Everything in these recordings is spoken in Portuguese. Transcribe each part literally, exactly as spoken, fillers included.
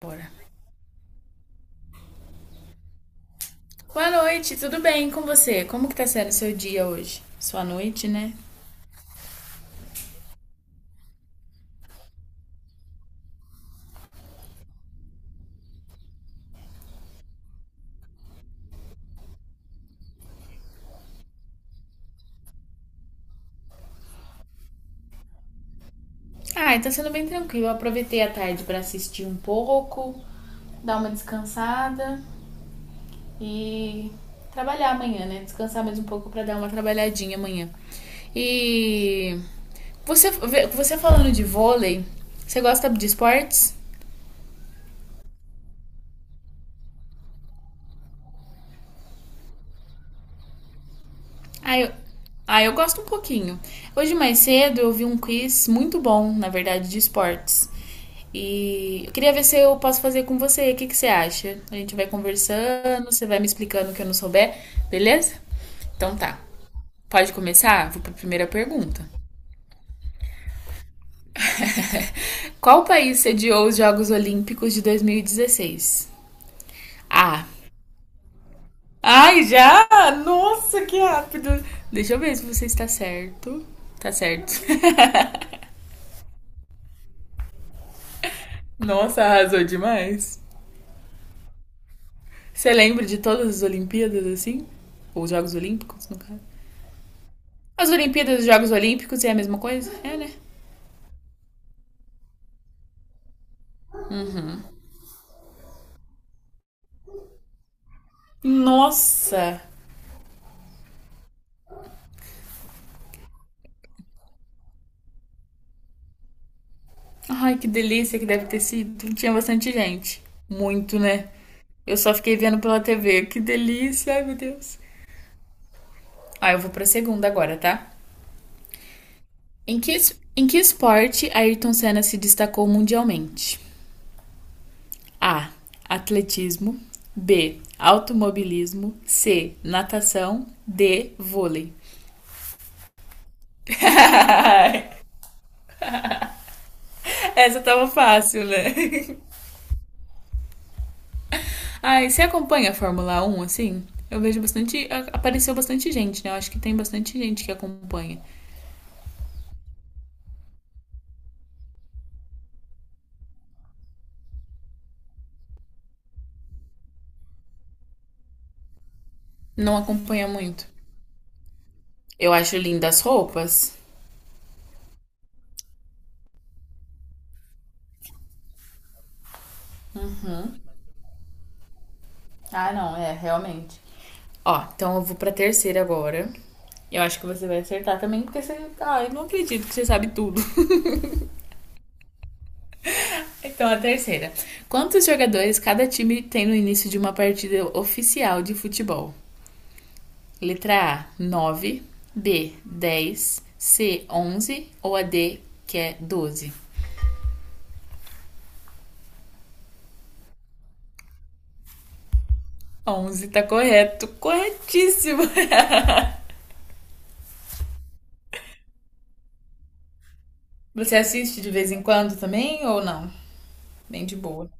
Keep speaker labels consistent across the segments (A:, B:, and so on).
A: Bora. Boa noite, tudo bem com você? Como que tá sendo o seu dia hoje? Sua noite, né? Ah, tá sendo bem tranquilo. Eu aproveitei a tarde pra assistir um pouco, dar uma descansada e trabalhar amanhã, né? Descansar mais um pouco pra dar uma trabalhadinha amanhã. E você, você falando de vôlei, você gosta de esportes? Ah, eu, ah, eu gosto um pouquinho. Hoje mais cedo eu vi um quiz muito bom, na verdade, de esportes. E eu queria ver se eu posso fazer com você. O que que você acha? A gente vai conversando, você vai me explicando o que eu não souber, beleza? Então tá. Pode começar? Vou para a primeira pergunta. Qual país sediou os Jogos Olímpicos de dois mil e dezesseis? A. Ai, já? Nossa, que rápido! Deixa eu ver se você está certo. Tá certo. Nossa, arrasou demais. Você lembra de todas as Olimpíadas assim? Ou os Jogos Olímpicos, no caso? As Olimpíadas e os Jogos Olímpicos é a mesma coisa? É, né? Nossa! Ai, que delícia que deve ter sido. Tinha bastante gente. Muito, né? Eu só fiquei vendo pela tê vê. Que delícia, ai meu Deus. Ah, eu vou pra segunda agora, tá? Em que, em que esporte Ayrton Senna se destacou mundialmente? A. Atletismo. B. Automobilismo. C. Natação. D. Vôlei. Essa tava fácil, né? Ai, você acompanha a Fórmula Um assim? Eu vejo bastante. Apareceu bastante gente, né? Eu acho que tem bastante gente que acompanha. Não acompanha muito. Eu acho lindas as roupas. Ah, não, é, realmente. Ó, então eu vou pra terceira agora. Eu acho que você vai acertar também, porque você. Ah, eu não acredito que você sabe tudo. Então, a terceira. Quantos jogadores cada time tem no início de uma partida oficial de futebol? Letra A, nove. B, dez. C, onze. Ou a D, que é doze. Onze tá correto, corretíssimo! Você assiste de vez em quando também ou não? Bem de boa.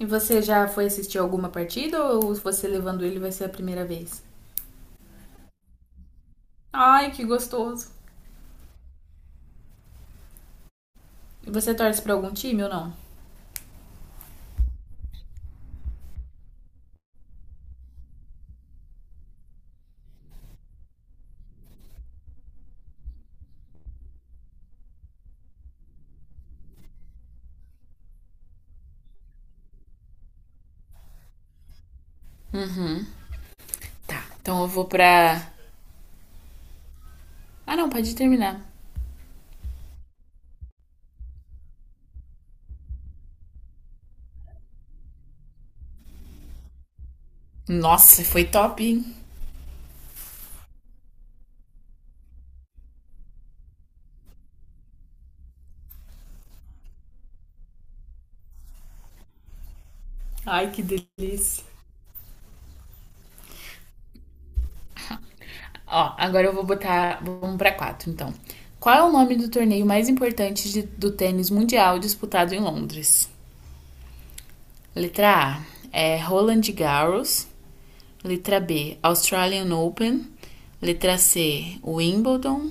A: E você já foi assistir alguma partida ou você levando ele vai ser a primeira vez? Ai, que gostoso! E você torce pra algum time ou não? Uhum. Tá. Então eu vou pra. Ah, não, pode terminar. Nossa, foi top, hein? Ai, que delícia. Ó, agora eu vou botar. Vamos pra quatro, então. Qual é o nome do torneio mais importante de- do tênis mundial disputado em Londres? Letra A é Roland Garros. Letra B, Australian Open. Letra C, Wimbledon.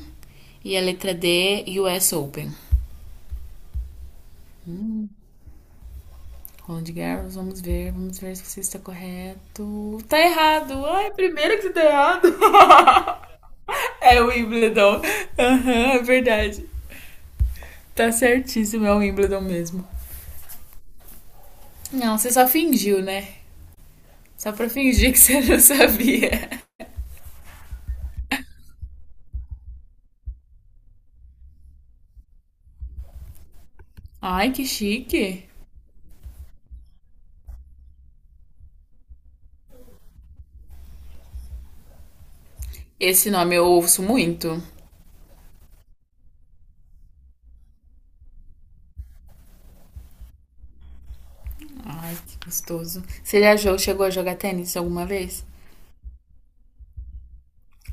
A: E a letra D, U S Open. Roland Garros, vamos ver, vamos ver se você está correto. Tá errado! Ai, primeiro que você tá errado! É o Wimbledon. Aham, uhum, é verdade. Tá certíssimo, é o Wimbledon mesmo. Não, você só fingiu, né? Só pra fingir que você não sabia. Ai, que chique. Esse nome eu ouço muito. Ai, que gostoso. Você já jo- chegou a jogar tênis alguma vez?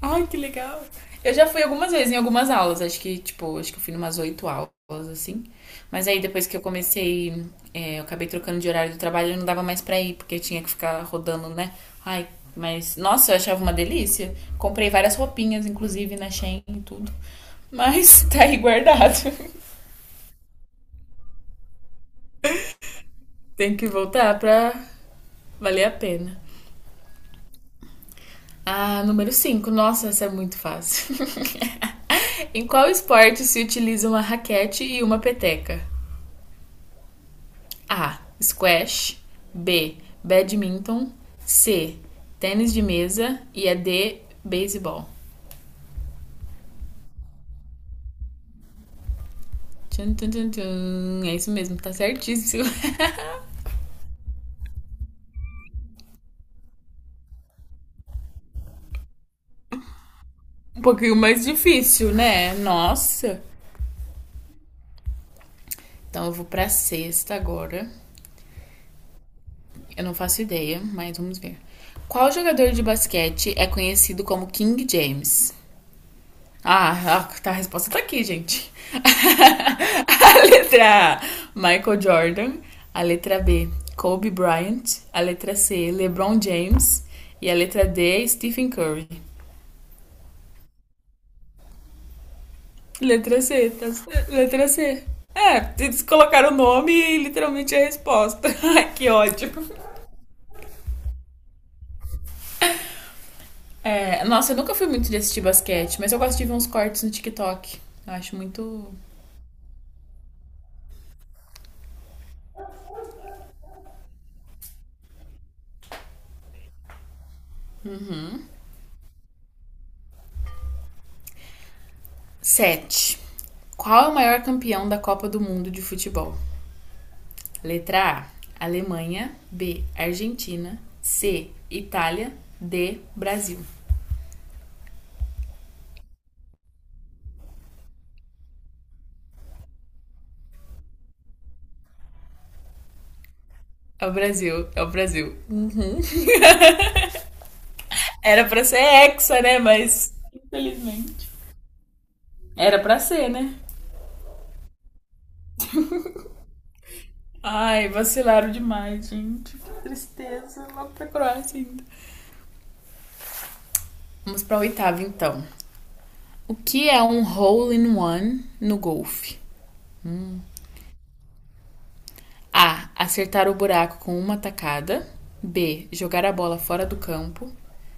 A: Ai, que legal. Eu já fui algumas vezes em algumas aulas, acho que, tipo, acho que eu fui numas oito aulas, assim. Mas aí depois que eu comecei, é, eu acabei trocando de horário do trabalho, eu não dava mais pra ir, porque eu tinha que ficar rodando, né? Ai, mas, nossa, eu achava uma delícia. Comprei várias roupinhas, inclusive, na Shein e tudo. Mas tá aí guardado. Tem que voltar pra valer a pena. Ah, número cinco. Nossa, essa é muito fácil. Em qual esporte se utiliza uma raquete e uma peteca? A. Squash. B. Badminton. C. Tênis de mesa. E a D. Beisebol. Tchum, tchum, tchum, é isso mesmo, tá certíssimo. Um pouquinho mais difícil, né? Nossa. Então eu vou pra sexta agora. Eu não faço ideia, mas vamos ver. Qual jogador de basquete é conhecido como King James? Ah, tá, a resposta tá aqui, gente. A letra A, Michael Jordan. A letra B, Kobe Bryant. A letra C, LeBron James. E a letra D, Stephen Curry. Letra C, tá, letra C. É, eles colocaram o nome e literalmente a resposta. Ai, que ódio. É, nossa, eu nunca fui muito de assistir basquete, mas eu gosto de ver uns cortes no TikTok. Eu acho muito. Sete. Qual é o maior campeão da Copa do Mundo de futebol? Letra A: Alemanha. B: Argentina. C: Itália. D: Brasil. É o Brasil, é o Brasil. Era pra ser hexa, né? Mas, infelizmente. Era pra ser, né? Ai, vacilaram demais, gente. Que tristeza. Vamos pra Croácia ainda. Vamos pra oitava, então. O que é um hole in one no golfe? A. Acertar o buraco com uma tacada. B. Jogar a bola fora do campo.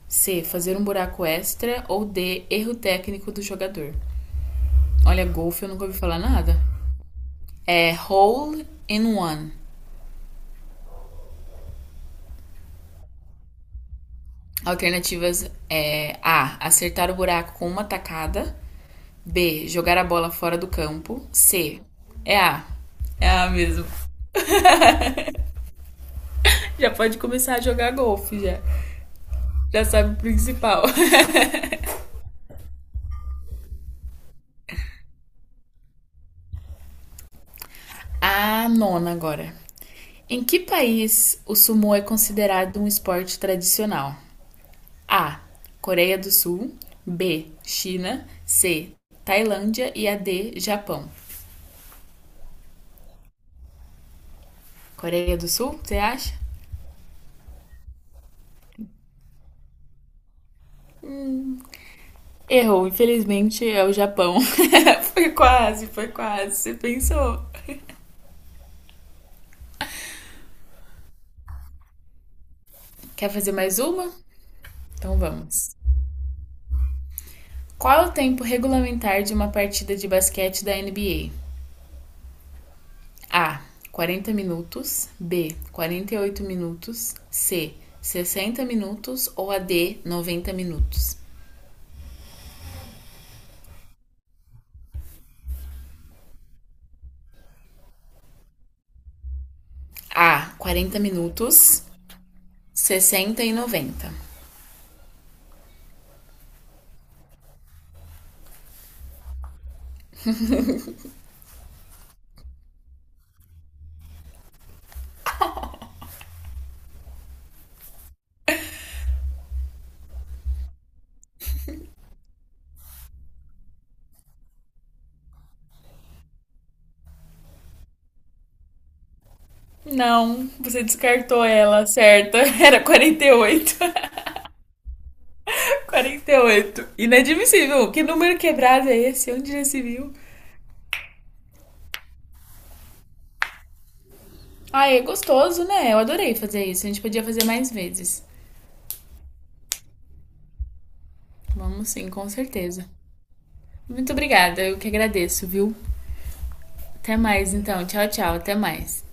A: C. Fazer um buraco extra. Ou D. Erro técnico do jogador. Olha, golfe eu nunca ouvi falar nada. É hole in one. Alternativas é A. Acertar o buraco com uma tacada. B. Jogar a bola fora do campo. C. É A. É A mesmo. Já pode começar a jogar golfe já. Já sabe o principal. A nona agora. Em que país o sumo é considerado um esporte tradicional? A. Coreia do Sul. B. China. C. Tailândia. E a D. Japão. Coreia do Sul, você acha? Errou, infelizmente é o Japão. Foi quase, foi quase. Você pensou. Quer fazer mais uma? Então vamos. Qual é o tempo regulamentar de uma partida de basquete da N B A? A. Quarenta minutos. B. Quarenta e oito minutos. C. Sessenta minutos. Ou a D. Noventa minutos. A. Quarenta minutos. Sessenta e noventa. Não, você descartou ela, certa. Era quarenta e oito. quarenta e oito. Inadmissível. Que número quebrado é esse? Onde já se viu? Ah, é gostoso, né? Eu adorei fazer isso. A gente podia fazer mais vezes. Vamos sim, com certeza. Muito obrigada, eu que agradeço, viu? Até mais, então. Tchau, tchau. Até mais.